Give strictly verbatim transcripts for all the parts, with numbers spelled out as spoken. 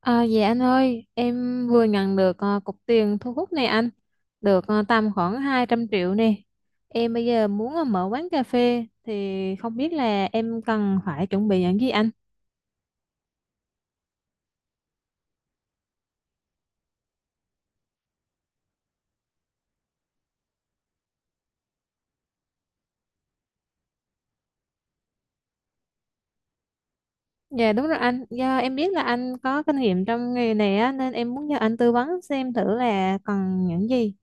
À, dạ anh ơi, em vừa nhận được ờ, cục tiền thu hút này anh, được ờ, tầm khoảng hai trăm triệu nè. Em bây giờ muốn ờ, mở quán cà phê thì không biết là em cần phải chuẩn bị những gì anh. Dạ đúng rồi anh, do em biết là anh có kinh nghiệm trong nghề này á, nên em muốn nhờ anh tư vấn xem thử là cần những gì.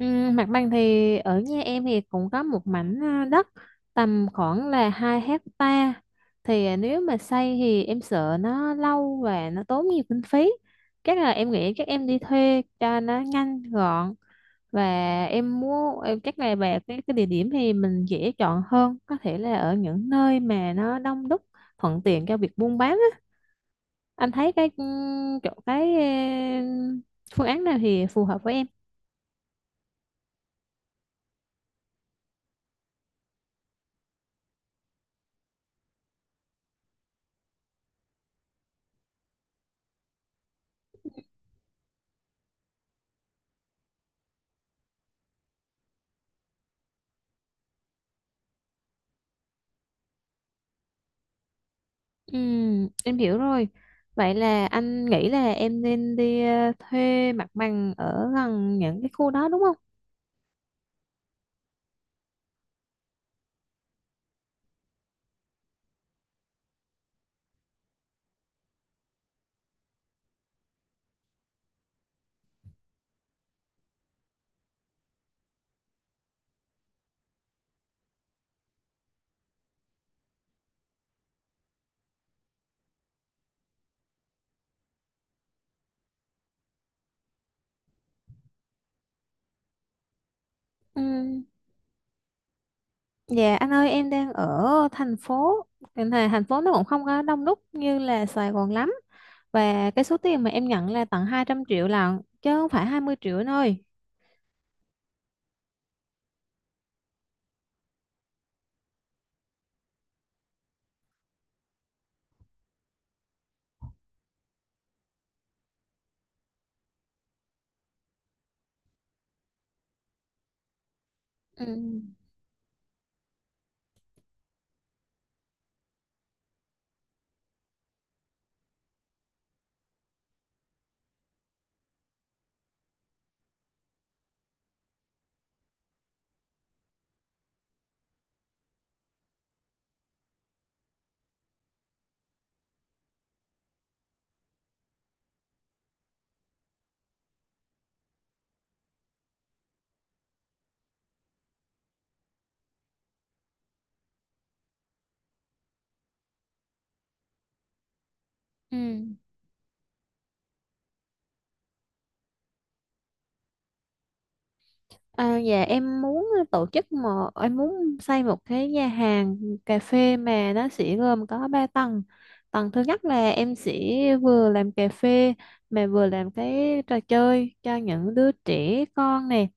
Ừ, mặt bằng thì ở nhà em thì cũng có một mảnh à, đất tầm khoảng là hai hecta, thì à, nếu mà xây thì em sợ nó lâu và nó tốn nhiều kinh phí, chắc là em nghĩ chắc em đi thuê cho nó nhanh gọn. Và em mua em chắc là về cái, cái địa điểm thì mình dễ chọn hơn, có thể là ở những nơi mà nó đông đúc, thuận tiện cho việc buôn bán á. Anh thấy cái ừ, chỗ cái ừ, phương án nào thì phù hợp với em. Ừ, em hiểu rồi. Vậy là anh nghĩ là em nên đi ờ, thuê mặt bằng ở gần những cái khu đó đúng không? Ừ. Dạ anh ơi, em đang ở thành phố. Thành hà- thành phố nó cũng không có đông đúc như là Sài Gòn lắm. Và cái số tiền mà em nhận là tận hai trăm triệu lận, chứ không phải hai mươi triệu anh ơi. Ừ. Ừ. À, dạ em muốn tổ chức một em muốn xây một cái nhà hàng cà phê mà nó sẽ gồm có ba tầng. Tầng thứ nhất là em sẽ vừa làm cà phê mà vừa làm cái trò chơi cho những đứa trẻ con này,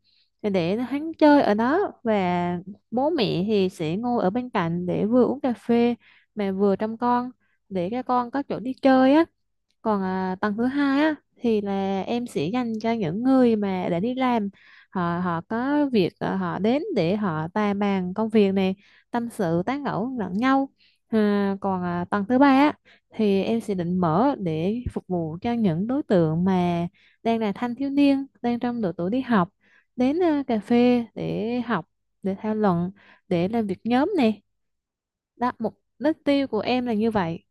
để để hắn chơi ở đó và bố mẹ thì sẽ ngồi ở bên cạnh để vừa uống cà phê mà vừa trông con, để các con có chỗ đi chơi á. Còn à, tầng thứ hai á thì là em sẽ dành cho những người mà đã đi làm, họ họ có việc, à, họ đến để họ tài bàn công việc này, tâm sự tán gẫu lẫn nhau. À, còn à, tầng thứ ba á thì em sẽ định mở để phục vụ cho những đối tượng mà đang là thanh thiếu niên, đang trong độ tuổi đi học, đến à, cà phê để học, để thảo luận, để làm việc nhóm này. Đó mục đích tiêu của em là như vậy.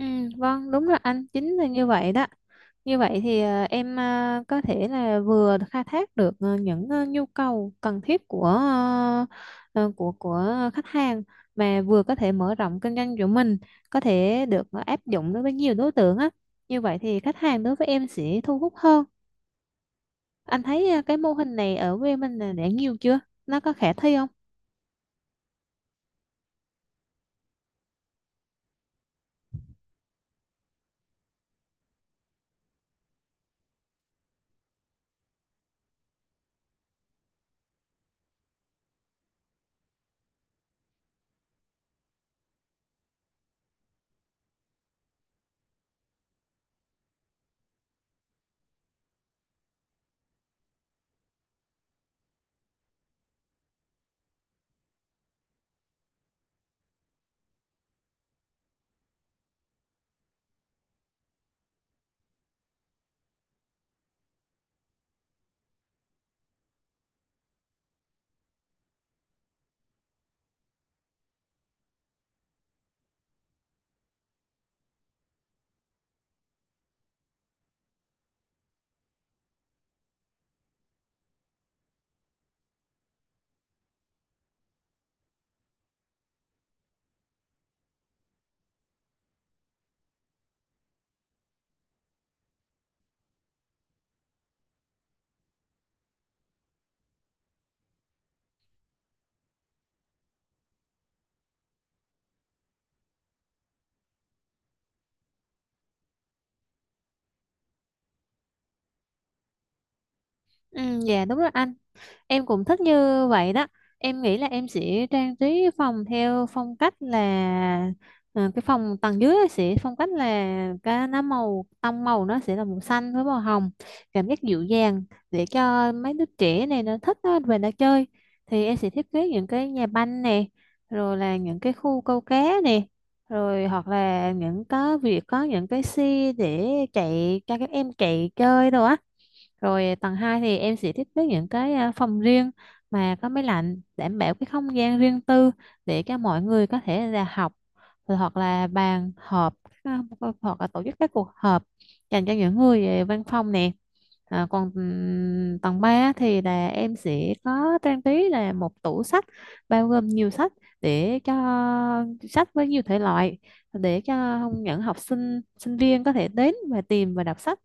Ừ, vâng, đúng rồi anh, chính là như vậy đó. Như vậy thì à, em à, có thể là vừa khai thác được à, những à, nhu cầu cần thiết của à, à, của của khách hàng, mà vừa có thể mở rộng kinh doanh của mình, có thể được à, áp dụng đối với nhiều đối tượng á. Như vậy thì khách hàng đối với em sẽ thu hút hơn. Anh thấy à, cái mô hình này ở quê mình là đã nhiều chưa? Nó có khả thi không? Ừ, dạ đúng rồi anh. Em cũng thích như vậy đó. Em nghĩ là em sẽ trang trí phòng theo phong cách là, ờ, cái phòng tầng dưới sẽ phong cách là cái nó màu, tông màu nó sẽ là màu xanh với màu hồng, cảm giác dịu dàng, để cho mấy đứa trẻ này nó thích nó về nó chơi. Thì em sẽ thiết kế những cái nhà banh nè, rồi là những cái khu câu cá nè, rồi hoặc là những có việc có những cái xe để chạy cho các em chạy chơi đồ á. Rồi tầng hai thì em sẽ thiết kế những cái à, phòng riêng mà có máy lạnh, đảm bảo cái không gian riêng tư để cho mọi người có thể là học, rồi hoặc là bàn họp, à, hoặc là tổ chức các cuộc họp dành cho những người về văn phòng nè. À, còn ừm, tầng ba thì là em sẽ có trang trí là một tủ sách bao gồm nhiều sách, để cho sách với nhiều thể loại, để cho những học sinh sinh viên có thể đến và tìm và đọc sách.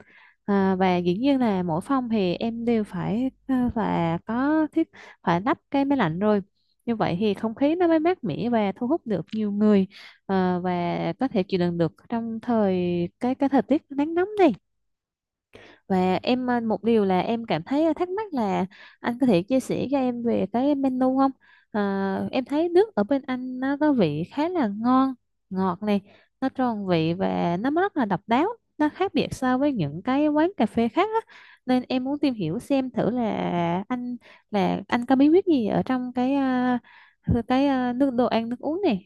À, và dĩ nhiên là mỗi phòng thì em đều phải, ờ, là có thiết phải lắp cái máy lạnh rồi, như vậy thì không khí nó mới mát mẻ và thu hút được nhiều người. Ờ, và có thể chịu đựng được trong thời cái cái thời tiết nắng nóng này. Và em, ờ, một điều là em cảm thấy ờ, thắc mắc là anh có thể chia sẻ cho em về cái menu không? Ờ, em thấy nước ở bên anh nó có vị khá là ngon, ngọt này, nó tròn vị và nó rất là độc đáo, nó khác biệt so với những cái quán cà phê khác á. Nên em muốn tìm hiểu xem thử là anh, là anh có bí quyết gì ở trong cái ờ, cái ờ, nước đồ ăn nước uống này.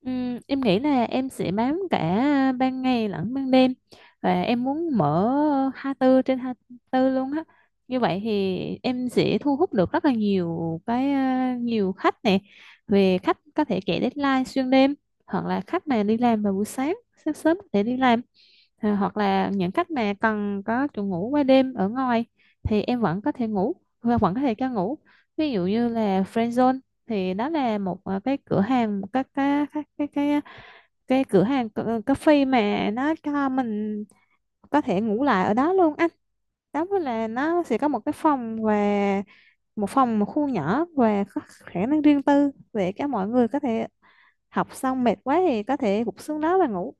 Ừm, em nghĩ là em sẽ bám cả ban ngày lẫn ban đêm, và em muốn mở hai mươi Tư trên hai mươi Tư luôn á. Như vậy thì em sẽ thu hút được rất là nhiều cái à, nhiều khách nè. Về khách có thể chạy deadline xuyên đêm, hoặc là khách mà đi làm vào buổi sáng, sáng sớm có thể đi làm, thì hoặc là những khách mà cần có chỗ ngủ qua đêm ở ngoài thì em vẫn có thể ngủ và vẫn có thể cho ngủ, ví dụ như là Friend Zone. Thì đó là một ờ, cái cửa hàng, một cái cái cái cái cái, cái cửa hàng cà cà phê mà nó cho mình có thể ngủ lại ở đó luôn anh. Đó mới là nó sẽ có một cái phòng, và một phòng, một khu nhỏ và có khả năng riêng tư để các mọi người có thể học xong mệt quá thì có thể gục xuống đó và ngủ.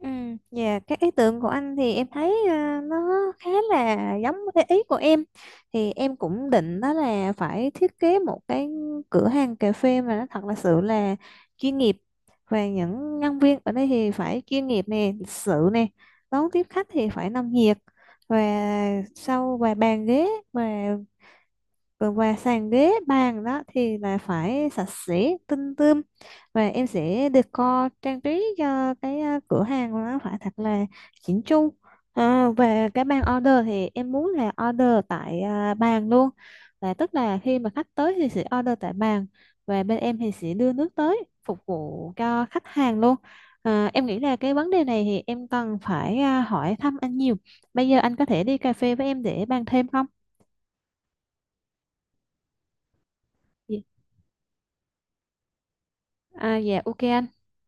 Ừ, dạ cái ý tưởng của anh thì em thấy, à, nó khá là giống cái ý của em. Thì em cũng định đó là phải thiết kế một cái cửa hàng cà phê mà nó thật là sự là chuyên nghiệp, và những nhân viên ở đây thì phải chuyên nghiệp nè, lịch sự nè, đón tiếp khách thì phải nồng nhiệt. Và sau và bàn ghế, và còn về sàn ghế bàn đó thì là phải sạch sẽ tinh tươm. Và em sẽ decor, trang trí cho cái ờ, cửa hàng nó phải thật là chỉnh chu. À, về cái bàn order thì em muốn là order tại ờ, bàn luôn, là tức là khi mà khách tới thì sẽ order tại bàn, và bên em thì sẽ đưa nước tới phục vụ cho khách hàng luôn. À, em nghĩ là cái vấn đề này thì em cần phải ờ, hỏi thăm anh nhiều. Bây giờ anh có thể đi cà phê với em để bàn thêm không? À, dạ ok anh.